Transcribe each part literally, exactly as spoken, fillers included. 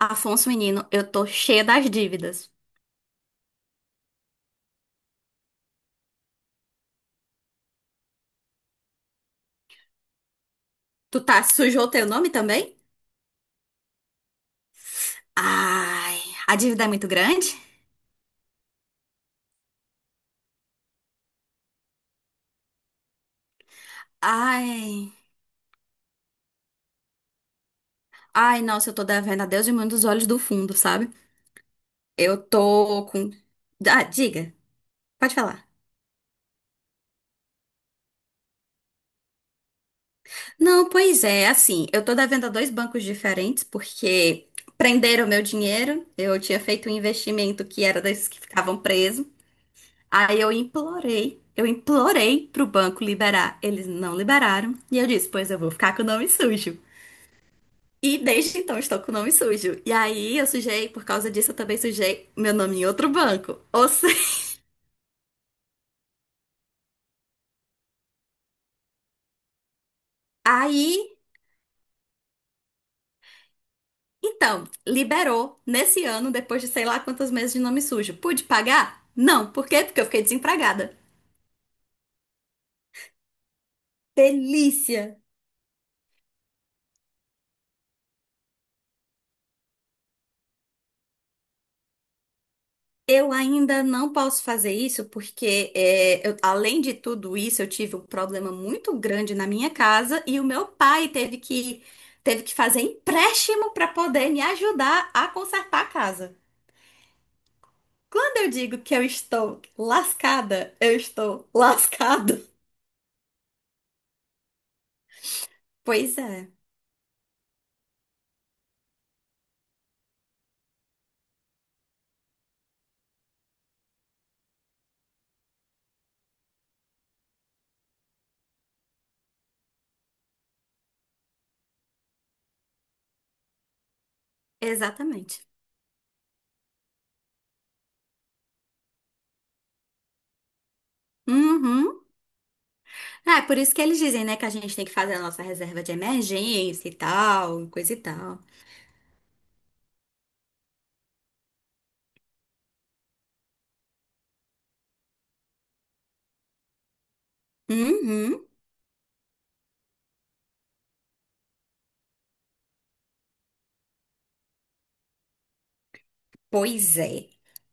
Afonso, menino, eu tô cheia das dívidas. Tu tá sujou teu nome também? Ai, a dívida é muito grande? Ai, ai, nossa, eu tô devendo a Deus e mundo dos olhos do fundo, sabe? Eu tô com. Ah, diga, pode falar. Não, pois é, assim, eu tô devendo a dois bancos diferentes porque prenderam meu dinheiro. Eu tinha feito um investimento que era desses que ficavam presos. Aí eu implorei, eu implorei pro banco liberar. Eles não liberaram. E eu disse, pois eu vou ficar com o nome sujo. E desde então estou com o nome sujo. E aí eu sujei, por causa disso eu também sujei meu nome em outro banco. Ou seja, aí, então, liberou nesse ano, depois de sei lá quantos meses de nome sujo. Pude pagar? Não. Por quê? Porque eu fiquei desempregada. Delícia! Eu ainda não posso fazer isso porque, é, eu- além de tudo isso, eu tive um problema muito grande na minha casa e o meu pai teve que, teve que fazer empréstimo para poder me ajudar a consertar a casa. Quando eu digo que eu estou lascada, eu estou lascada. Pois é, exatamente. Uhum. Ah, é por isso que eles dizem, né, que a gente tem que fazer a nossa reserva de emergência e tal, coisa e tal. Uhum. Pois é.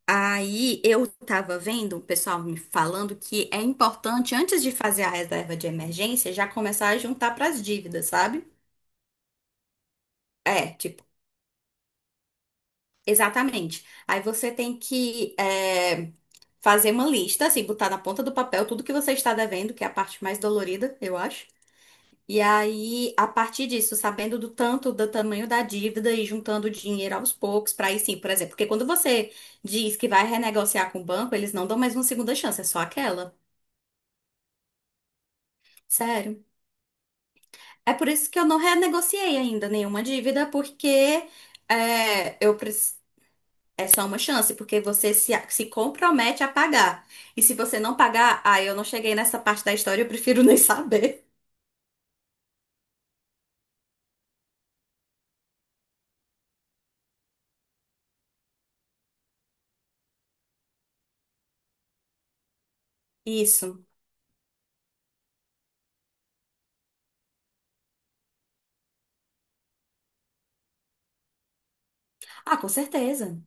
Aí eu tava vendo o pessoal me falando que é importante, antes de fazer a reserva de emergência, já começar a juntar pras dívidas, sabe? É, tipo, exatamente. Aí você tem que é, fazer uma lista, assim, botar na ponta do papel tudo que você está devendo, que é a parte mais dolorida, eu acho. E aí, a partir disso, sabendo do tanto do tamanho da dívida e juntando dinheiro aos poucos, para aí sim, por exemplo, porque quando você diz que vai renegociar com o banco, eles não dão mais uma segunda chance, é só aquela. Sério. É por isso que eu não renegociei ainda nenhuma dívida, porque é, eu preci- é só uma chance, porque você se, a- se compromete a pagar. E se você não pagar, ah, eu não cheguei nessa parte da história, eu prefiro nem saber. Isso. Ah, com certeza.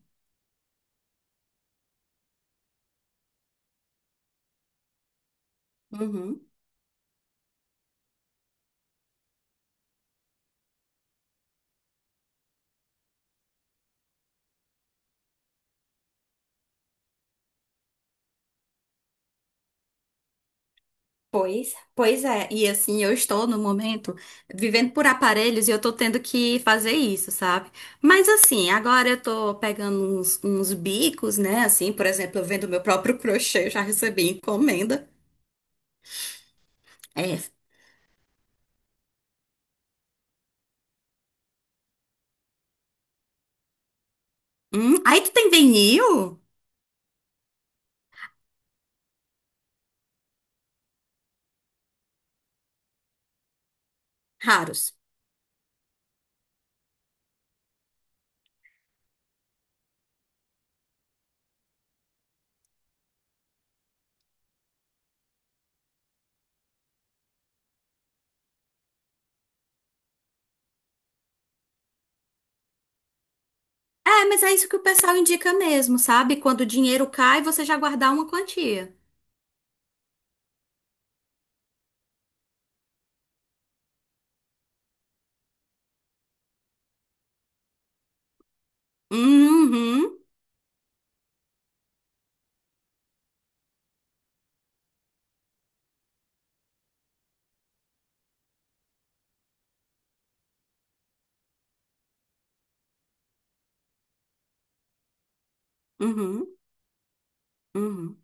Uhum. Pois, pois é, e assim, eu estou no momento vivendo por aparelhos e eu tô tendo que fazer isso, sabe? Mas assim, agora eu tô pegando uns, uns bicos, né? Assim, por exemplo, eu vendo meu próprio crochê, eu já recebi encomenda. É. Hum, aí tu tem vinil? Raros. É, mas é isso que o pessoal indica mesmo, sabe? Quando o dinheiro cai, você já guardar uma quantia. Uhum, uhum, uhum.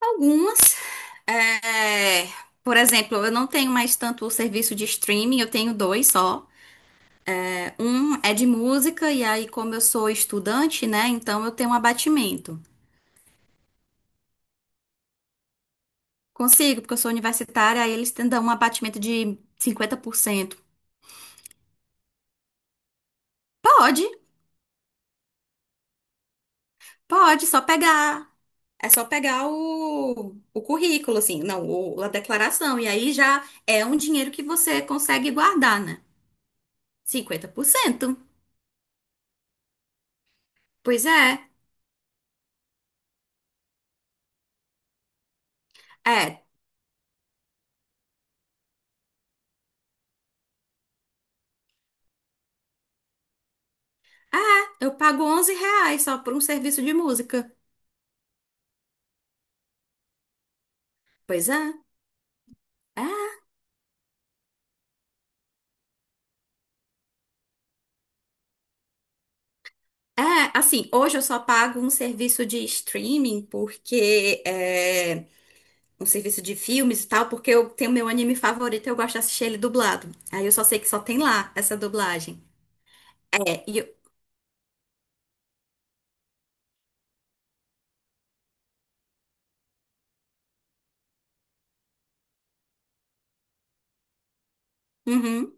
Algumas, é, por exemplo, eu não tenho mais tanto o serviço de streaming, eu tenho dois só. É, um é de música, e aí, como eu sou estudante, né, então eu tenho um abatimento. Consigo, porque eu sou universitária, aí eles te- dão um abatimento de cinquenta por cento. Pode, pode, só pegar. É só pegar o, o currículo, assim, não, o, a declaração. E aí já é um dinheiro que você consegue guardar, né? Cinquenta por cento. Pois é. É. Ah, eu pago onze reais só por um serviço de música. Pois é. É, é, assim, hoje eu só pago um serviço de streaming, porque é um serviço de filmes e tal, porque eu tenho meu anime favorito e eu gosto de assistir ele dublado. Aí eu só sei que só tem lá essa dublagem. É, e eu, Uhum.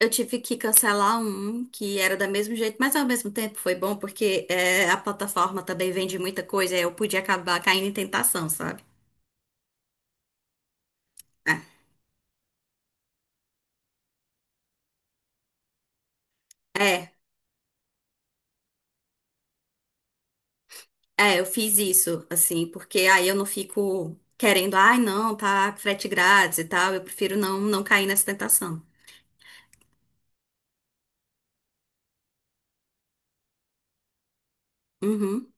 Eu tive que cancelar um que era do mesmo jeito, mas ao mesmo tempo foi bom porque é, a plataforma também vende muita coisa, aí eu podia acabar caindo em tentação, sabe? É. É. É, eu fiz isso, assim, porque aí eu não fico querendo, ai, não, tá frete grátis e tal, eu prefiro não, não cair nessa tentação. Uhum,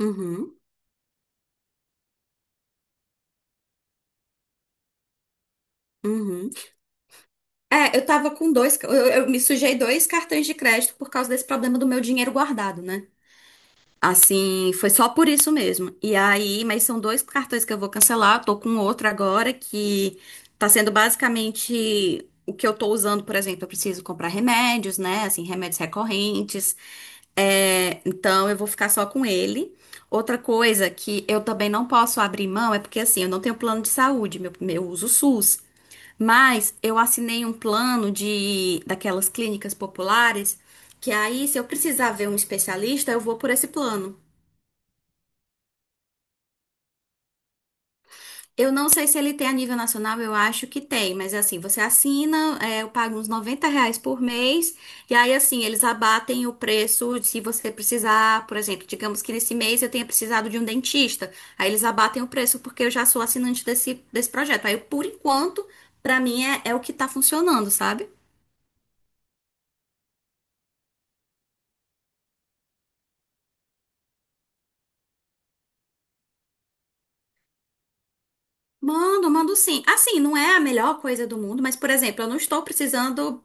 uhum, uhum. É, eu tava com dois, eu, eu me sujei dois cartões de crédito por causa desse problema do meu dinheiro guardado, né? Assim, foi só por isso mesmo. E aí, mas são dois cartões que eu vou cancelar. Eu tô com outro agora que tá sendo basicamente o que eu tô usando. Por exemplo, eu preciso comprar remédios, né? Assim, remédios recorrentes. É, então eu vou ficar só com ele. Outra coisa que eu também não posso abrir mão é porque assim, eu não tenho plano de saúde, meu, eu uso o S U S. Mas eu assinei um plano de daquelas clínicas populares que aí, se eu precisar ver um especialista, eu vou por esse plano. Eu não sei se ele tem a nível nacional, eu acho que tem, mas assim, você assina, é, eu pago uns noventa reais por mês, e aí assim, eles abatem o preço se você precisar, por exemplo, digamos que nesse mês eu tenha precisado de um dentista, aí eles abatem o preço porque eu já sou assinante desse, desse projeto. Aí, por enquanto, pra mim é, é o que tá funcionando, sabe? Mando, mando sim. Assim, não é a melhor coisa do mundo, mas, por exemplo, eu não estou precisando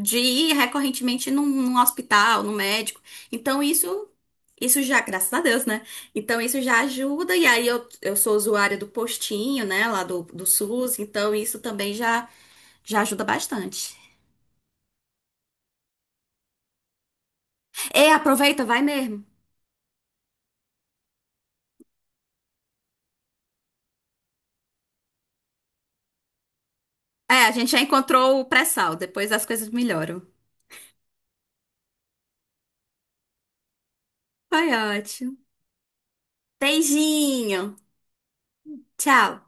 de ir recorrentemente num, num hospital, num médico. Então, isso, isso já, graças a Deus, né? Então, isso já ajuda. E aí, eu, eu sou usuária do postinho, né, lá do, do S U S. Então, isso também já, já ajuda bastante. E aproveita, vai mesmo. É, a gente já encontrou o pré-sal. Depois as coisas melhoram. Foi ótimo. Beijinho. Tchau.